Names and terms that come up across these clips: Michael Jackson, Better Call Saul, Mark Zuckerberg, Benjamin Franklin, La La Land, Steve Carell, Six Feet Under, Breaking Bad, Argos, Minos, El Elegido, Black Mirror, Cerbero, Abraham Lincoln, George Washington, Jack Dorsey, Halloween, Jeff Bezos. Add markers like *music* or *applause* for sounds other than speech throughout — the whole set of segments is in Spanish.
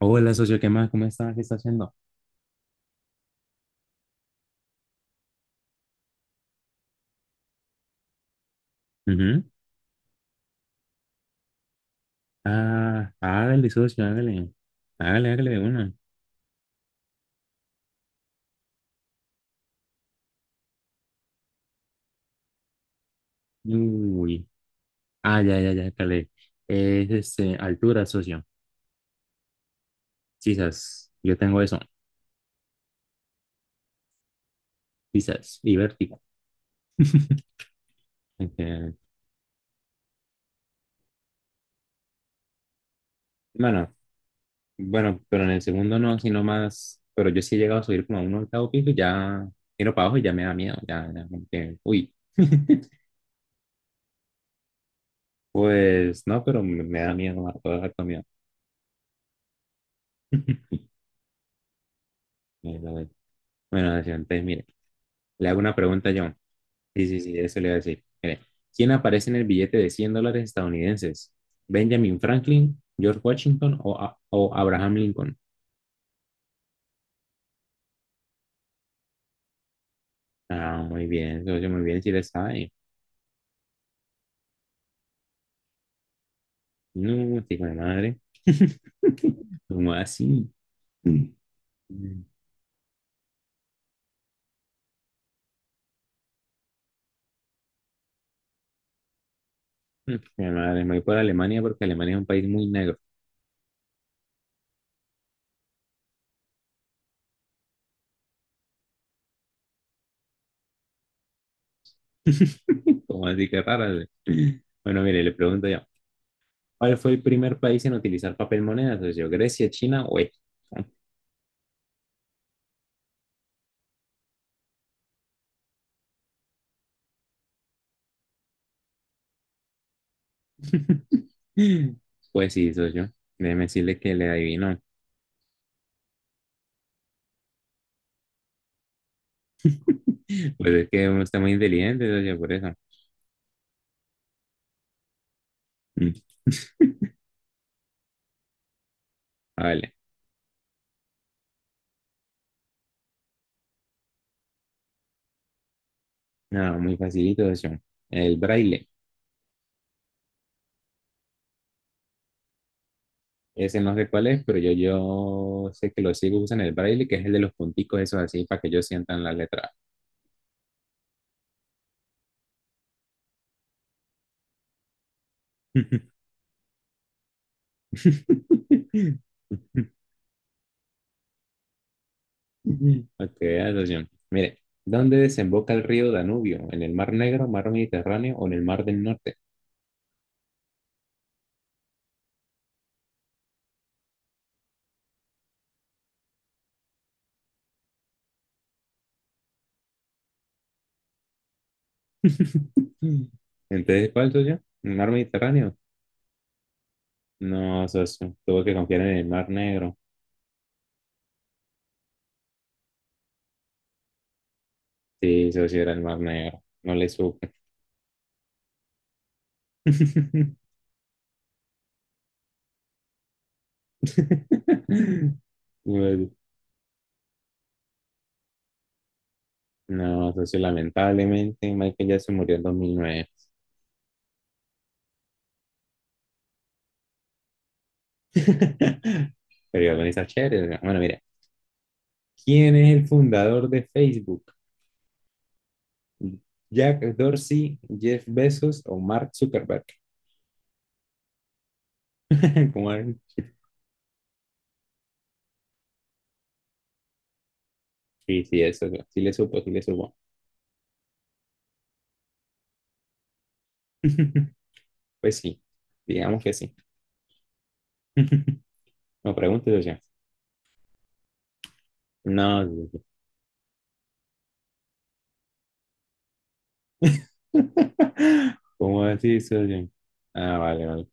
Hola, socio, ¿qué más? ¿Cómo está? ¿Qué está haciendo? Ujú. Ah, hágale, socio, hágale. Hágale, hágale de una. Uy. Ah, ya, ya, ya, calé. Es altura, socio. Quizás. Yo tengo eso. Quizás. Y vértigo. *laughs* Este, Bueno, bueno, pero en el segundo no, sino más. Pero yo sí he llegado a subir como a un 8.º piso y ya miro para abajo y ya me da miedo. Ya, ya, como que, uy. *laughs* Pues no, pero me da miedo, me da harto miedo. Eh, Bueno, socio, entonces, mire. Le hago una pregunta John. Sí, sí, sí, eso le iba a decir. Mire, ¿quién aparece en el billete de $100 estadounidenses? ¿Benjamin Franklin, George Washington o, A- o Abraham Lincoln? Ah, muy bien, socio, muy bien, si le sabe. No, hijo de madre. *laughs* ¿Cómo así? Mm. Mm, Mi madre, me voy por Alemania porque Alemania es un país muy negro. *laughs* ¿Cómo así que rara? Güey. Bueno, mire, le pregunto yo. ¿Cuál fue el primer país en utilizar papel moneda, socio? ¿Grecia, China o Egipto? *laughs* Pues sí, socio. Déjeme decirle que le adivinó. *laughs* Pues es que uno está muy inteligente, socio, por eso. Mm. *laughs* Ah, vale. No, muy facilito, socio. El braille. Ese no sé cuál es, pero yo sé que los ciegos usan el braille, que es el de los punticos, esos así, para que ellos sientan la letra. *laughs* Ok, socio. Mire, ¿dónde desemboca el río Danubio? ¿En el Mar Negro, Mar Mediterráneo o en el Mar del Norte? Mm. Entonces, ¿cuál soy yo? ¿El mar Mediterráneo? No, socio. Tuve que confiar en el Mar Negro. Sí, socio, era el Mar Negro. No le supe. *laughs* Bueno, no, socio, lamentablemente Michael Jackson murió en 2009. *laughs* Pero igual con esa chévere, ¿no? Bueno, mira. ¿Quién es el fundador de Facebook? ¿Jack Dorsey, Jeff Bezos o Mark Zuckerberg? *laughs* ¿Cómo era? Sí, sí, eso, sí le supo, sí le supo. *laughs* Pues sí, digamos que sí. *laughs* No pregunte, socio. No, socio. *laughs* ¿Cómo así, socio? Ah, vale, vale.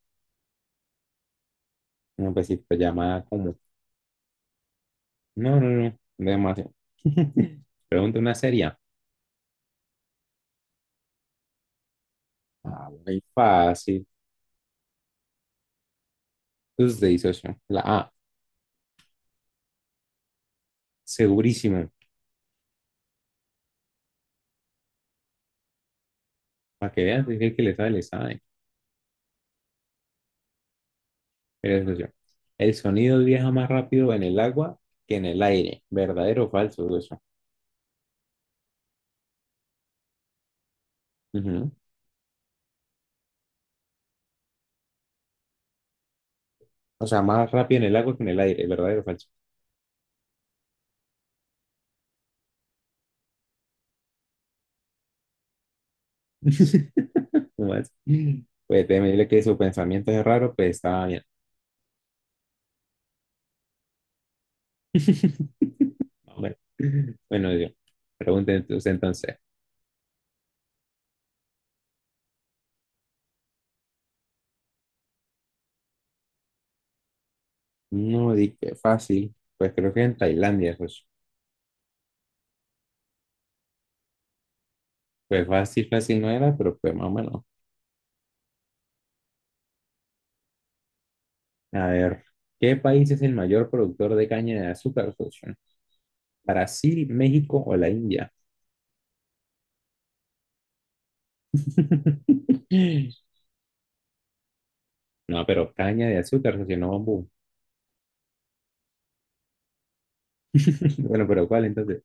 No, pues sí, pues llamada como. No, no, no. Demasiado. *laughs* Pregunta una seria. Ah, muy fácil. Entonces usted dice, socio. La A, segurísimo. Para que veas, es si el que le sabe, le sabe. Mire, socio. El sonido viaja más rápido en el agua que en el aire. ¿Verdadero o falso, socio? Ujú. O sea, más rápido en el agua que en el aire. ¿Verdadero o falso? *laughs* No más. Pues déjeme decirle que su pensamiento es raro, pues estaba bien. *laughs* Bueno, bueno, yo. Pregunten usted entonces. No di que fácil. Pues creo que en Tailandia, pues, pues fácil, fácil no era, pero pues más o menos. A ver, ¿qué país es el mayor productor de caña de azúcar, socio? ¿Brasil, México o la India? *laughs* No, pero caña de azúcar, socio, no bambú. *laughs* Bueno, pero ¿cuál entonces?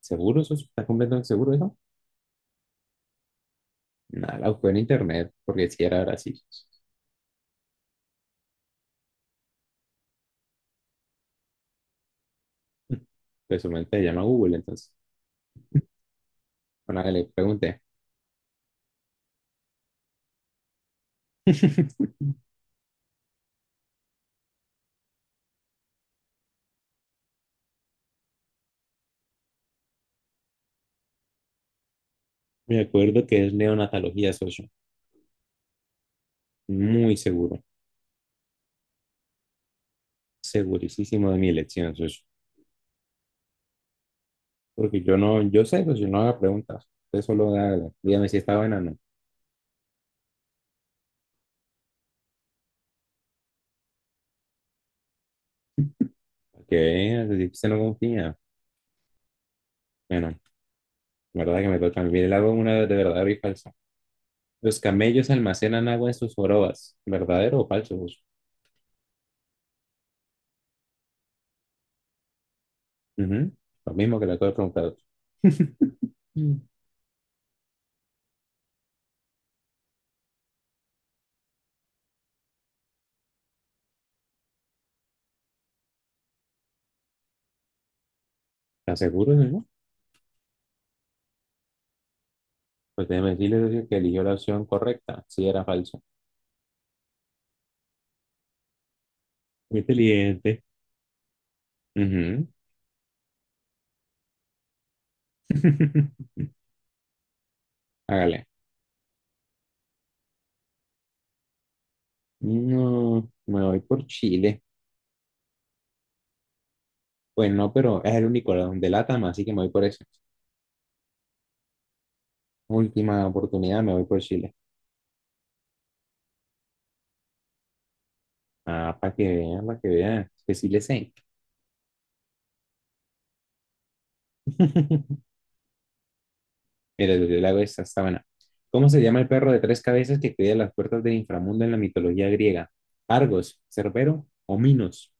¿Seguro, socio? ¿Estás completamente seguro de eso? Nada, la busqué en internet porque si era Brasil. *laughs* Presumente su mente se llama Google, entonces. Bueno, le pregunté. *laughs* Me acuerdo que es neonatología, socio. Muy seguro. Segurísimo de mi elección, socio. Porque yo sé, socio, no haga preguntas. Usted solo hágalo. Dígame si está buena o no. Para que vea, si usted no confía. Bueno, la verdad que me toca. Mire, le hago una de verdadero y falso. Los camellos almacenan agua en sus jorobas. ¿Verdadero o falso, socio? Ujú. Lo mismo que le acabo de preguntar. Mm. ¿Está seguro, socio? Pues déjeme decirle, socio, que eligió la opción correcta, sí era falso. Muy inteligente. Ujú. *laughs* Hágale. No, me voy por Chile. Pues no, pero es el único de LATAM, así que me voy por eso. Última oportunidad, me voy por Chile. Ah, para que vean, que sí le sé. *laughs* Mira, yo le hago esta, está buena. ¿Cómo se llama el perro de 3 cabezas que cuida las puertas del inframundo en la mitología griega? ¿Argos, Cerbero o Minos?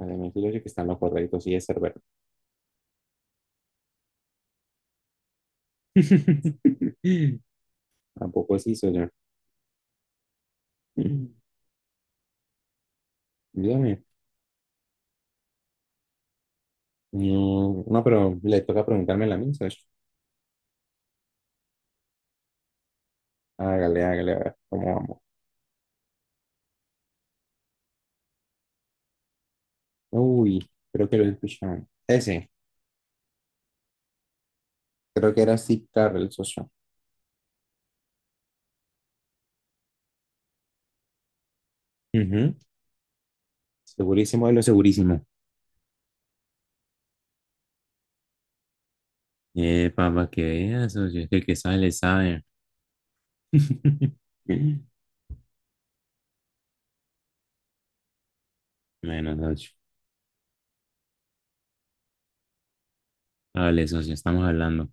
Además, yo que están los correctos, sí es Cerbero. *laughs* Tampoco es eso ya. *clears throat* Mm, Dígame. No, no, pero le toca preguntarme la misma. Hágale, hágale, a ver cómo vamos. Uy, creo que lo he escuchado. Creo que era Steve Carell, socio. Ujú, segurísimo de lo segurísimo. Papá, que veas, socio. Es que el que sabe, le sabe. *laughs* Bueno, socio. Vale, socio, estamos hablando.